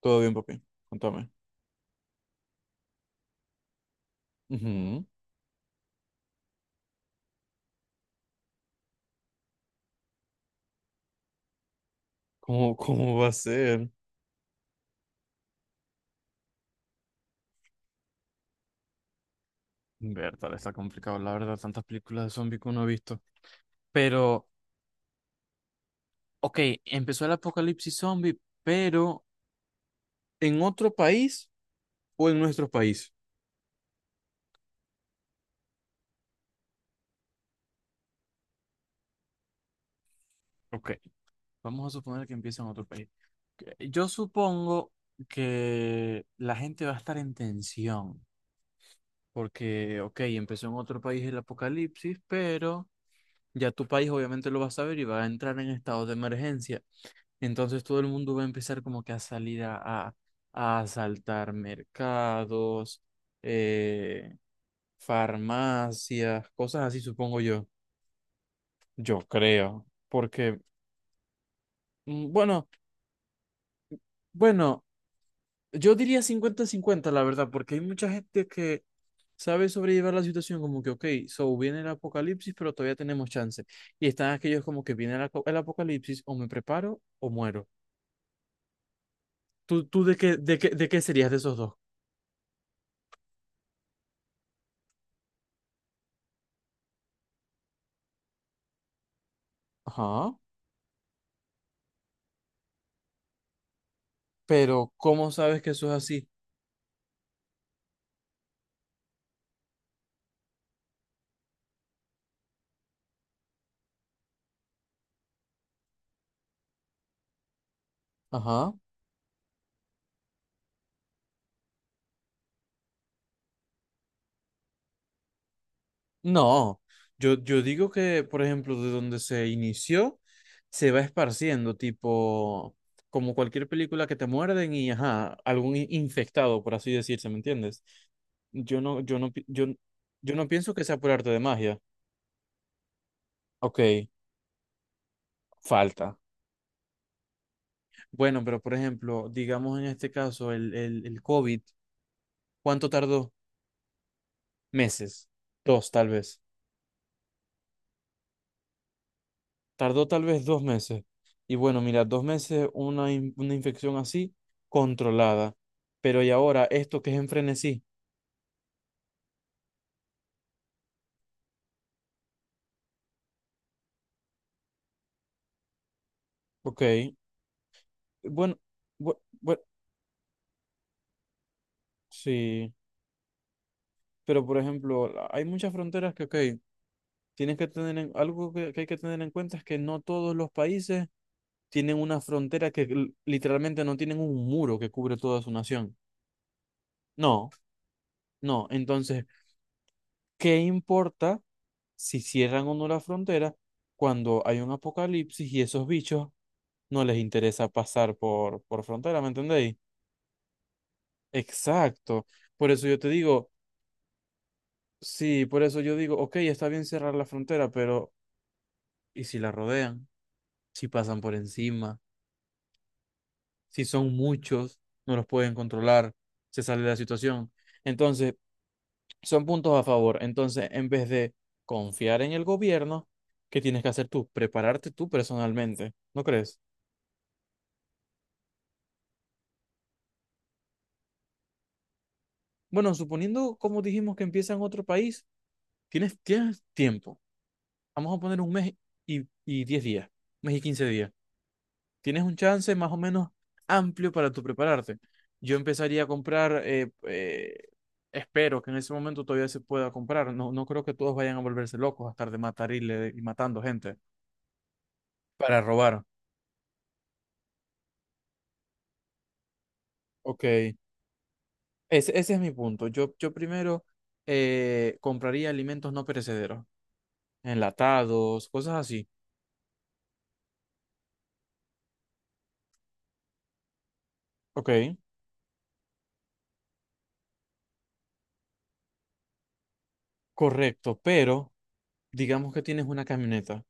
Todo bien, papi. Contame. Ujú. ¿Cómo va a ser? Bertale, está complicado, la verdad, tantas películas de zombie que uno ha visto. Pero, ok, empezó el apocalipsis zombie, pero ¿en otro país o en nuestro país? Ok, vamos a suponer que empieza en otro país. Yo supongo que la gente va a estar en tensión, porque, ok, empezó en otro país el apocalipsis, pero ya tu país obviamente lo va a saber y va a entrar en estado de emergencia. Entonces todo el mundo va a empezar como que a salir a, a asaltar mercados, eh, farmacias, cosas así, supongo yo. Yo creo, porque, bueno, bueno, yo diría 50-50, la verdad, porque hay mucha gente que sabe sobrellevar la situación como que, ok, so viene el apocalipsis, pero todavía tenemos chance. Y están aquellos como que viene el apocalipsis, o me preparo o muero. ¿Tú de qué serías de esos dos? Ajá. Pero, ¿cómo sabes que eso es así? Ajá. No. Yo digo que, por ejemplo, de donde se inició, se va esparciendo, tipo, como cualquier película que te muerden y, ajá, algún infectado, por así decirse, ¿me entiendes? Yo no, yo no, pi- yo, yo no pienso que sea por arte de magia. Ok, falta. Bueno, pero por ejemplo, digamos en este caso, el COVID, ¿cuánto tardó? Meses, dos tal vez. Tardó tal vez 2 meses. Y bueno, mira, 2 meses una infección así, controlada. Pero y ahora, esto que es en frenesí. Ok. Bueno, bu- bu- sí. Pero por ejemplo, hay muchas fronteras que, ok, tienes que tener algo que hay que tener en cuenta es que no todos los países tienen una frontera que literalmente no tienen un muro que cubre toda su nación. No, no. Entonces, ¿qué importa si cierran o no la frontera cuando hay un apocalipsis y esos bichos no les interesa pasar por frontera? ¿Me entendéis? Exacto. Por eso yo te digo, sí, por eso yo digo, ok, está bien cerrar la frontera, pero ¿y si la rodean? Si pasan por encima, si son muchos, no los pueden controlar, se sale de la situación. Entonces, son puntos a favor. Entonces, en vez de confiar en el gobierno, ¿qué tienes que hacer tú? Prepararte tú personalmente, ¿no crees? Bueno, suponiendo, como dijimos, que empieza en otro país, tienes tiempo. Vamos a poner un mes y 10 días, un mes y 15 días. Tienes un chance más o menos amplio para tú prepararte. Yo empezaría a comprar, espero que en ese momento todavía se pueda comprar. No, no creo que todos vayan a volverse locos a estar de matarile y matando gente para robar. Ok. Ese es mi punto. Yo primero compraría alimentos no perecederos, enlatados, cosas así. Ok, correcto, pero digamos que tienes una camioneta.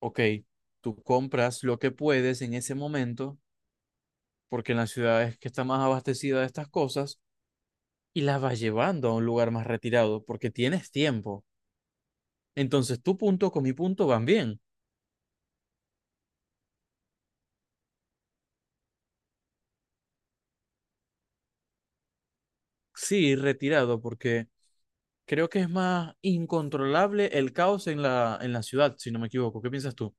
Ok, tú compras lo que puedes en ese momento, porque en las ciudades que está más abastecida de estas cosas, y las vas llevando a un lugar más retirado, porque tienes tiempo. Entonces, tu punto con mi punto van bien. Sí, retirado, porque creo que es más incontrolable el caos en la ciudad, si no me equivoco. ¿Qué piensas tú?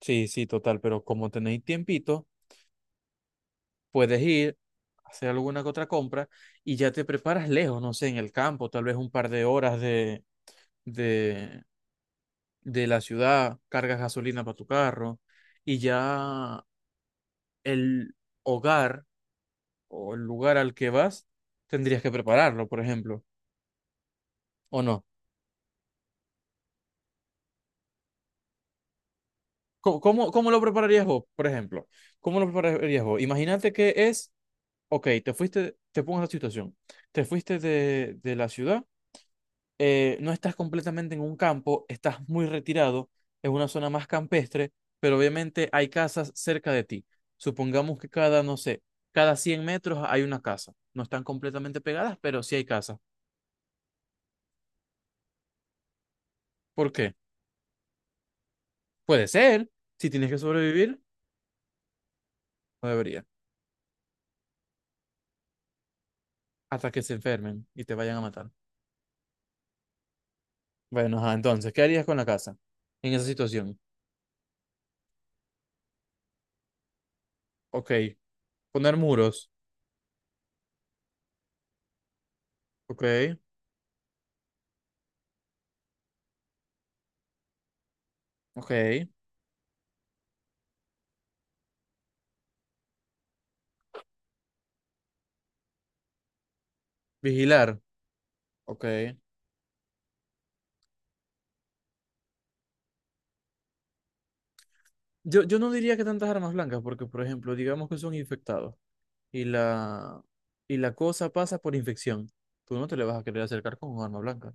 Sí, sí, total, pero como tenéis tiempito, puedes ir, hacer alguna que otra compra y ya te preparas lejos, no sé, en el campo, tal vez un par de horas de, de la ciudad, cargas gasolina para tu carro y ya el hogar o el lugar al que vas tendrías que prepararlo, por ejemplo, ¿o no? ¿Cómo lo prepararías vos, por ejemplo? ¿Cómo lo prepararías vos? Imagínate que es ok, te fuiste, te pongo la situación. Te fuiste de la ciudad, no estás completamente en un campo, estás muy retirado, es una zona más campestre, pero obviamente hay casas cerca de ti. Supongamos que cada, no sé, cada 100 metros hay una casa. No están completamente pegadas, pero sí hay casas. ¿Por qué? Puede ser, si tienes que sobrevivir, no debería, hasta que se enfermen y te vayan a matar. Bueno, ajá, entonces, ¿qué harías con la casa en esa situación? Ok, poner muros. Ok, ok. Vigilar. Ok, yo no diría que tantas armas blancas, porque, por ejemplo, digamos que son infectados y la, y la cosa pasa por infección. Tú no te le vas a querer acercar con un arma blanca.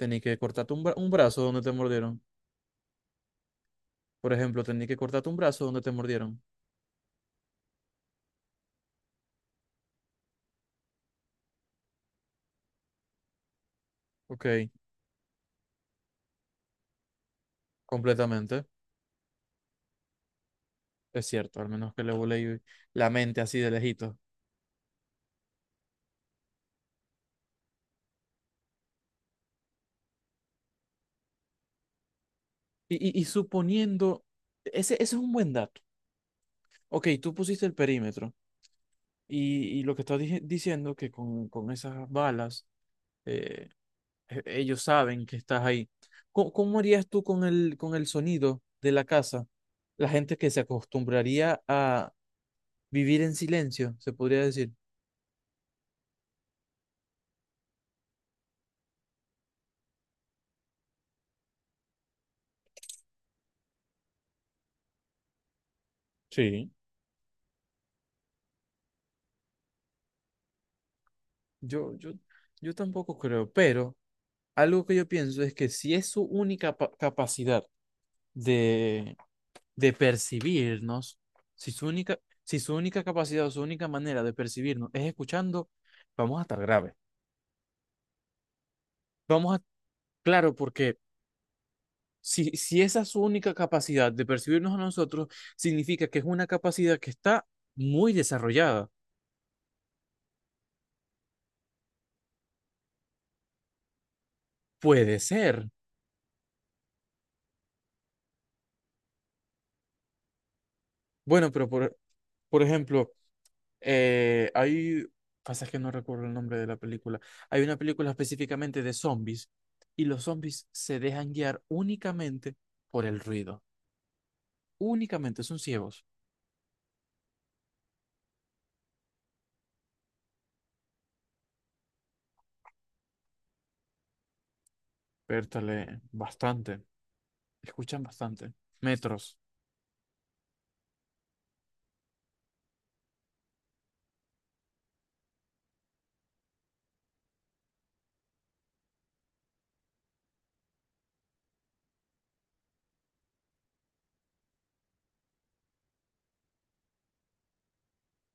Tenés que cortarte un brazo donde te mordieron. Por ejemplo, tenés que cortarte un brazo donde te mordieron. Ok, completamente. Es cierto, al menos que le volé la mente así de lejito. Y suponiendo, ese es un buen dato. Ok, tú pusiste el perímetro y lo que estás diciendo que con esas balas... eh, Ellos saben que estás ahí. ¿Cómo harías tú con el sonido de la casa? La gente que se acostumbraría a vivir en silencio, se podría decir. Sí. Yo, yo, yo tampoco creo, pero algo que yo pienso es que si es su única capacidad de, de percibirnos, si su única, si su única capacidad o su única manera de percibirnos es escuchando, vamos a estar grave. Vamos a, claro, porque si esa es su única capacidad de percibirnos a nosotros, significa que es una capacidad que está muy desarrollada. Puede ser. Bueno, pero por ejemplo, eh, hay, pasa que no recuerdo el nombre de la película, hay una película específicamente de zombies y los zombies se dejan guiar únicamente por el ruido. Únicamente son ciegos. Pértale, bastante. Escuchan bastante. Metros.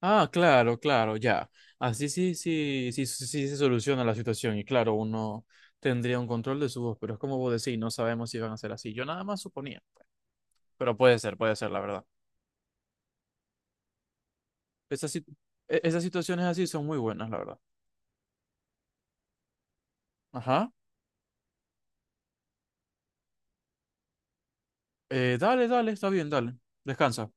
Ah, claro, claro, ya. Así sí, sí, sí, sí, sí se soluciona la situación y claro, uno tendría un control de su voz, pero es como vos decís, no sabemos si van a ser así. Yo nada más suponía, pero puede ser, la verdad. Esas, sit- esas situaciones así son muy buenas, la verdad. Ajá. Dale, dale, está bien, dale. Descansa.